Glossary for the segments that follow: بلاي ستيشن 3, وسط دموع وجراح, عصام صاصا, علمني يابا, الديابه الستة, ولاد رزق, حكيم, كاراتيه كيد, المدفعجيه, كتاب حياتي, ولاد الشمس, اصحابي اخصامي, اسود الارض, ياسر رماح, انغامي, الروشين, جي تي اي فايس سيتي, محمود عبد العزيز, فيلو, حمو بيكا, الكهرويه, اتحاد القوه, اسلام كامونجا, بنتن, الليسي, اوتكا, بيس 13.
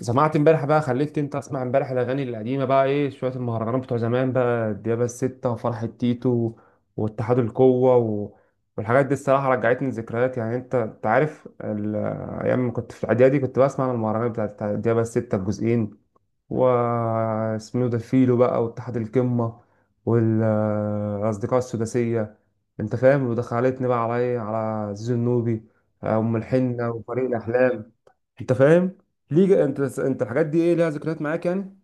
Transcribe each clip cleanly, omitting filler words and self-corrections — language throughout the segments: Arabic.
سمعت امبارح بقى خليك انت اسمع امبارح الاغاني القديمه بقى ايه شويه المهرجانات بتوع زمان بقى الديابه الستة وفرحه تيتو واتحاد القوه والحاجات دي الصراحه رجعتني لذكريات، يعني انت عارف ايام ما كنت في الاعدادي كنت بسمع المهرجانات بتاعت الديابه الستة الجزئين واسمه ده فيلو بقى واتحاد القمه والاصدقاء السداسيه. انت فاهم، ودخلتني بقى على ايه، على زيزو النوبي، ام الحنه وفريق الاحلام. انت فاهم ليه انت الحاجات دي ايه ليها ذكريات معاك يعني؟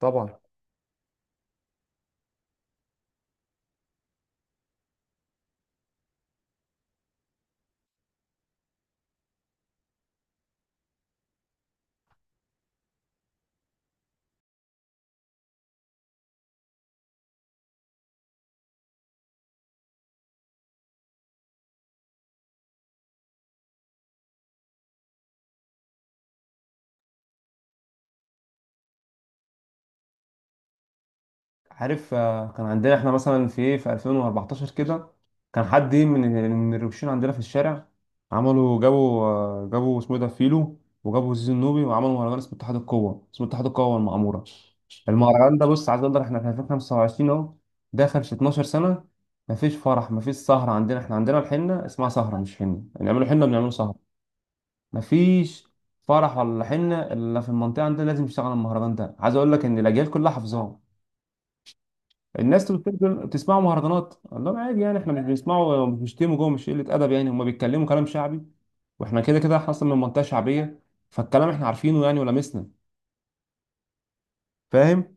طبعا. عارف، آه، كان عندنا احنا مثلا في ايه في 2014 كده، كان حد إيه من الروشين عندنا في الشارع، عملوا، جابوا، آه، جابوا اسمه ايه ده، فيلو، وجابوا زيزو النوبي وعملوا مهرجان اسمه اتحاد القوة، اسمه اتحاد القوة والمعمورة. المهرجان ده، بص عايز اقول لك، احنا في 2025 اهو، داخل في 12 سنة. مفيش فرح، مفيش سهرة، عندنا احنا عندنا الحنة اسمها سهرة، مش حنة، بنعملوا حنة، بنعملوا سهرة. مفيش فرح ولا حنه الا في المنطقه عندنا لازم يشتغل على المهرجان ده. عايز اقول لك ان الاجيال كلها حافظاه. الناس تقول لك بتسمعوا مهرجانات، اقول لهم عادي يعني، احنا مش بنسمعوا ومش بنشتموا جوه، مش قله ادب يعني، هم بيتكلموا كلام شعبي، واحنا كده كده احنا اصلا من منطقه شعبيه، فالكلام احنا عارفينه يعني، ولمسنا. فاهم.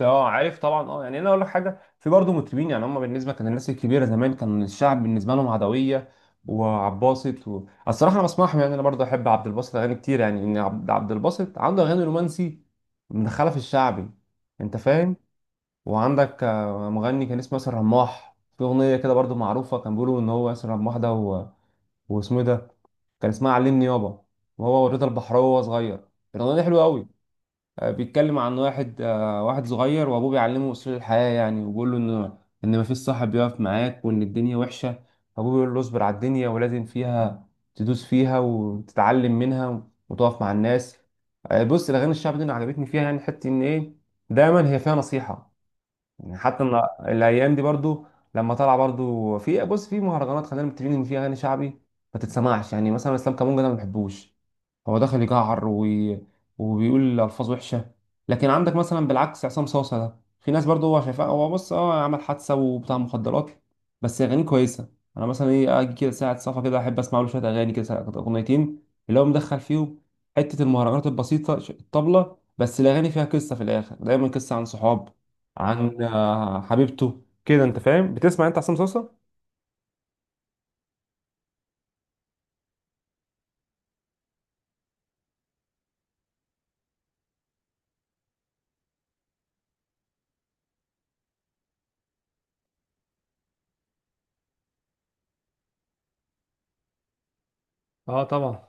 اه عارف طبعا، اه يعني انا اقول لك حاجه، في برضه مطربين يعني هم بالنسبه، كان الناس الكبيره زمان كان الشعب بالنسبه لهم عدويه وعباسط الصراحه انا بسمعهم يعني، انا برضه احب عبد الباسط، اغاني كتير يعني، ان عبد الباسط عنده اغاني رومانسي مدخله في الشعبي. انت فاهم. وعندك آه، مغني كان اسمه ياسر رماح، في اغنيه كده برضه معروفه، كان بيقولوا ان هو ياسر رماح ده واسمه إيه ده، كان اسمها علمني يابا، وهو ورضا البحراوي وهو صغير. الاغنيه دي حلوه قوي. آه، بيتكلم عن واحد، آه، واحد صغير وابوه بيعلمه اصول الحياه يعني، وبيقول له ان مفيش صاحب بيقف معاك، وان الدنيا وحشه، فابوه بيقول له اصبر على الدنيا ولازم فيها تدوس فيها وتتعلم منها وتقف مع الناس. آه، بص الاغاني الشعبيه دي أنا عجبتني فيها يعني، حته ان ايه، دايما هي فيها نصيحه، يعني حتى إن الايام دي برضو لما طلع برضو في، بص في مهرجانات، خلينا متفقين ان في اغاني شعبي ما تتسمعش، يعني مثلا اسلام كامونجا ده ما بحبوش، هو دخل يجعر وبيقول الفاظ وحشه. لكن عندك مثلا بالعكس عصام صاصا ده، في ناس برضه هو شايفاه، هو بص اه عمل حادثه وبتاع مخدرات، بس اغانيه كويسه. انا مثلا ايه اجي كده ساعه صفا كده احب اسمع له شويه اغاني كده، اغنيتين اللي هو مدخل فيهم، حته المهرجانات البسيطه، الطبله بس، الاغاني فيها قصه في الاخر، دايما قصه عن صحاب، اه عن آه، حبيبته كده. انت فاهم، بتسمع انت عصام صاصا؟ اه طبعا.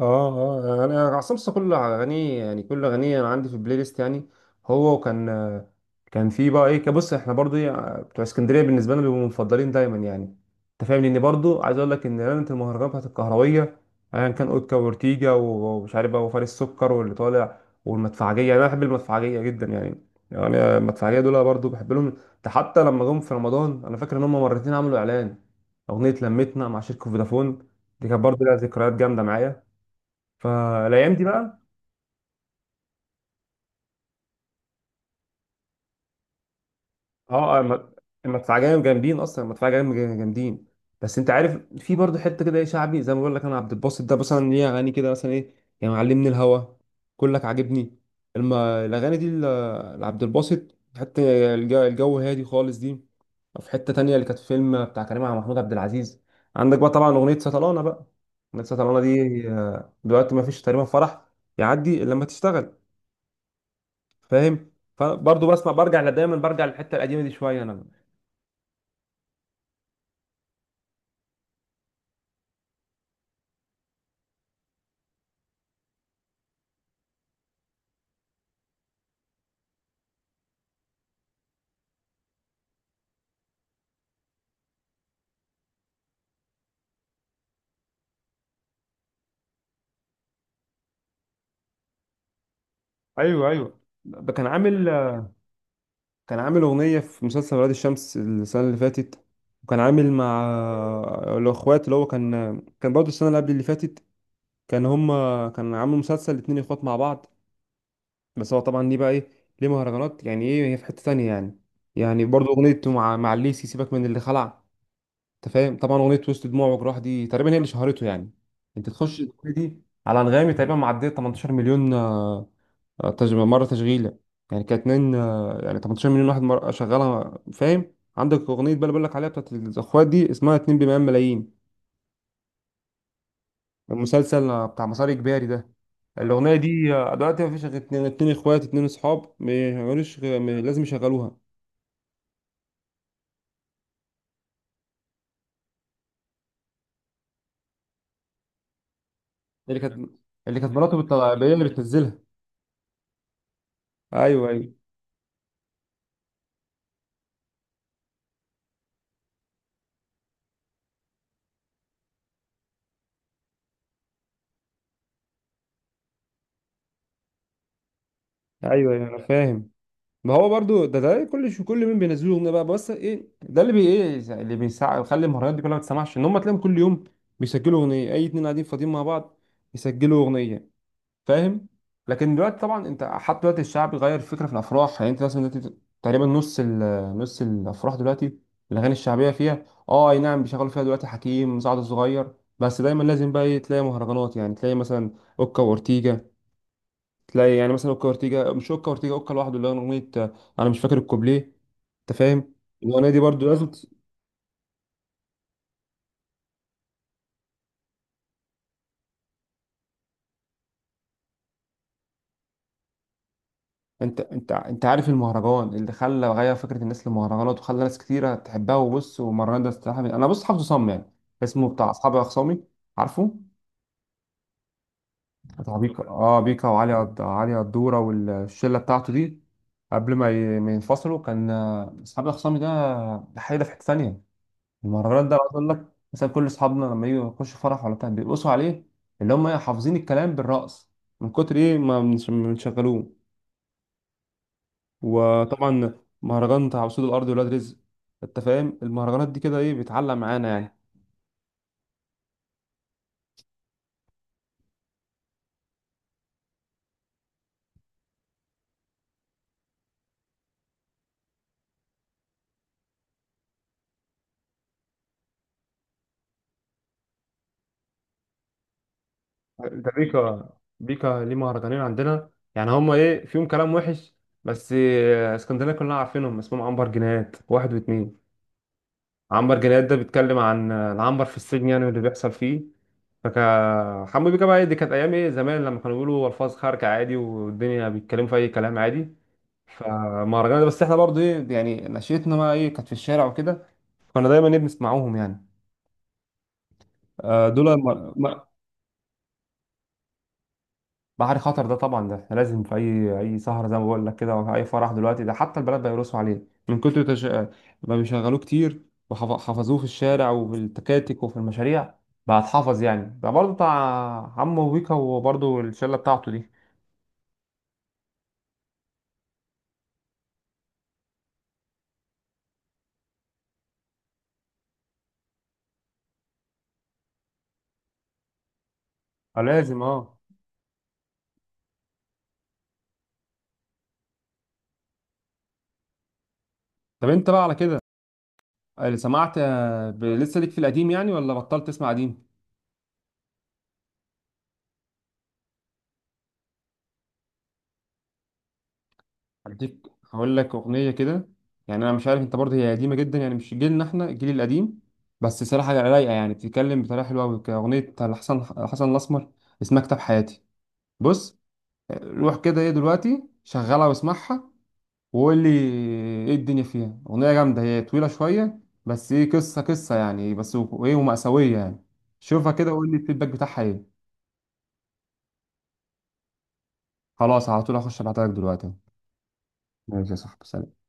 اه، اه انا عصام صاصا كل اغانيه يعني، كل اغانيه انا عندي في البلاي ليست يعني. هو وكان، كان في بقى ايه، كبص احنا برضو إيه، بتوع اسكندريه بالنسبه لنا بيبقوا مفضلين دايما يعني. انت فاهم؟ لان برضو عايز اقول لك ان ليله المهرجان بتاعت الكهرويه، ايا كان اوتكا وورتيجا ومش عارف بقى، وفارس السكر واللي طالع، والمدفعجيه، يعني انا بحب المدفعجيه جدا يعني. يعني المدفعجيه دول برضو بحب لهم، ده حتى لما جم في رمضان، انا فاكر ان هم مرتين عملوا اعلان، اغنيه لمتنا مع شركه فودافون، دي كانت برضو لها ذكريات جامده معايا. فالايام دي بقى. اه المدفعه جايه جامدين اصلا، المدفعه جايه جامدين. بس انت عارف في برضه حته كده ايه شعبي، زي ما بقول لك انا عبد الباسط ده مثلا ليه اغاني كده مثلا ايه، يعني معلمني الهوى، كلك عاجبني، الاغاني دي لعبد الباسط حتى، الجو هادي خالص دي، في حته تانية اللي كانت فيلم بتاع كريم عبد، محمود عبد العزيز. عندك بقى طبعا اغنيه سطلانه بقى، اغنيه سطلانه دي، آه، دلوقتي ما فيش تقريبا فرح يعدي إلا لما تشتغل. فاهم؟ فبرضه بسمع، دايما برجع للحته القديمه دي شويه انا. ايوه، ايوه. كان عامل، كان عامل اغنيه في مسلسل ولاد الشمس السنه اللي فاتت، وكان عامل مع الاخوات، اللي هو كان برضه السنه اللي قبل اللي فاتت، كان هما، كان عامل مسلسل الاتنين اخوات مع بعض. بس هو طبعا ليه بقى ايه، ليه مهرجانات يعني، ايه هي في حته تانية يعني، يعني برضه اغنيه مع الليسي، سيبك من اللي خلع. انت فاهم طبعا اغنيه وسط دموع وجراح، دي تقريبا هي اللي شهرته يعني. انت تخش الاغنيه دي على انغامي تقريبا معديه 18 مليون، آه، آه، مره تشغيله يعني، كانت اتنين آه، يعني 18 مليون واحد مرة شغالها. فاهم عندك اغنيه بقى، اللي بقول لك عليها بتاعت الاخوات دي، اسمها 2 بمئة ملايين. المسلسل آه، بتاع مسار اجباري ده، الاغنيه دي آه، دلوقتي ما فيش غير اتنين، اتنين اخوات، اتنين اصحاب، ما يعملوش لازم يشغلوها. اللي كانت، اللي كانت مراته بتطلع هي اللي بتنزلها. ايوه، ايوه. ايوه، ايوه، انا فاهم. ما هو برضو ده كل شو، كل مين بينزلوا اغنيه بقى، بس ايه ده اللي بي، ايه اللي بيسع يخلي المهرجانات دي كلها ما تسمعش، ان هم تلاقيهم كل يوم بيسجلوا اغنيه، اي اتنين قاعدين فاضيين مع بعض يسجلوا اغنيه. فاهم. لكن دلوقتي طبعا انت حتى دلوقتي الشعب غير الفكره في الافراح، يعني انت مثلا دلوقتي تقريبا نص نص الافراح دلوقتي الاغاني الشعبيه فيها، اه، اي نعم، بيشغلوا فيها دلوقتي حكيم، سعد الصغير، بس دايما لازم بقى ايه تلاقي مهرجانات، يعني تلاقي مثلا اوكا واورتيجا، تلاقي يعني مثلا اوكا اورتيجا، مش اوكا اورتيجا، اوكا لوحده، اللي هو اغنيه آه، انا مش فاكر الكوبليه. انت فاهم؟ الاغنيه دي برضو لازم انت عارف المهرجان اللي خلى غير فكره الناس للمهرجانات، وخلى ناس كتيره تحبها، وبص، والمهرجان ده استراحه من، انا بص حافظه صم يعني اسمه، بتاع اصحابي اخصامي، عارفه؟ بتاع بيكا، اه بيكا علي قدوره والشله بتاعته دي، قبل ما ينفصلوا، كان آه، اصحابي اخصامي ده، ده حاجه في حته ثانيه. المهرجانات ده عاوز اقول لك، مثلا كل اصحابنا لما يجوا يخشوا فرح ولا بتاع بيرقصوا عليه، اللي هم إيه، حافظين الكلام بالرقص، من كتر ايه ما بنشغلوه. وطبعا مهرجان بتاع اسود الارض، ولاد رزق. انت فاهم المهرجانات دي كده ايه بتعلق معانا يعني. ده بيكا، بيكا ليه مهرجانين عندنا يعني، هما ايه فيهم كلام وحش، بس آه، اسكندريه كلنا عارفينهم، اسمهم عنبر جنيهات واحد واتنين، عنبر جنيهات ده بيتكلم عن آه، العنبر في السجن يعني واللي بيحصل فيه. فكا حمو بيكا بقى إيه، دي كانت ايام ايه زمان، لما كانوا بيقولوا الفاظ خارجه عادي، والدنيا بيتكلموا في اي كلام عادي. فمهرجانات ده، بس احنا برضو ايه يعني نشيتنا بقى ايه كانت في الشارع وكده، كنا دايما ايه بنسمعوهم يعني. آه، دول بحري خطر ده طبعا، ده لازم في اي سهره زي ما بقول لك كده، او اي فرح دلوقتي، ده حتى البنات بيرقصوا عليه، من ما بيشغلوه كتير، وحفظوه في الشارع وفي التكاتك وفي المشاريع، بقى اتحفظ يعني. ده برضه بتاع حمو بيكا وبرضه الشله بتاعته دي. آه، لازم، اه. طب انت بقى على كده، اللي سمعت آه، لسه ليك في القديم يعني، ولا بطلت تسمع قديم؟ هديك، هقول لك اغنيه كده، يعني انا مش عارف انت برضه، هي قديمه جدا يعني، مش جيلنا، احنا الجيل القديم. بس صراحه رايقه يعني بتتكلم بطريقه حلوه قوي، كاغنيه حسن الاسمر، اسمها كتاب حياتي. بص آه، روح كده ايه دلوقتي شغلها واسمعها وقول لي ايه. الدنيا فيها اغنيه جامده، هي طويله شويه، بس ايه، قصه قصه يعني، بس وايه، ومأساويه يعني. شوفها كده وقول لي الفيدباك بتاعها ايه. خلاص، على طول هخش ابعتلك دلوقتي. ماشي يا صاحبي، سلام.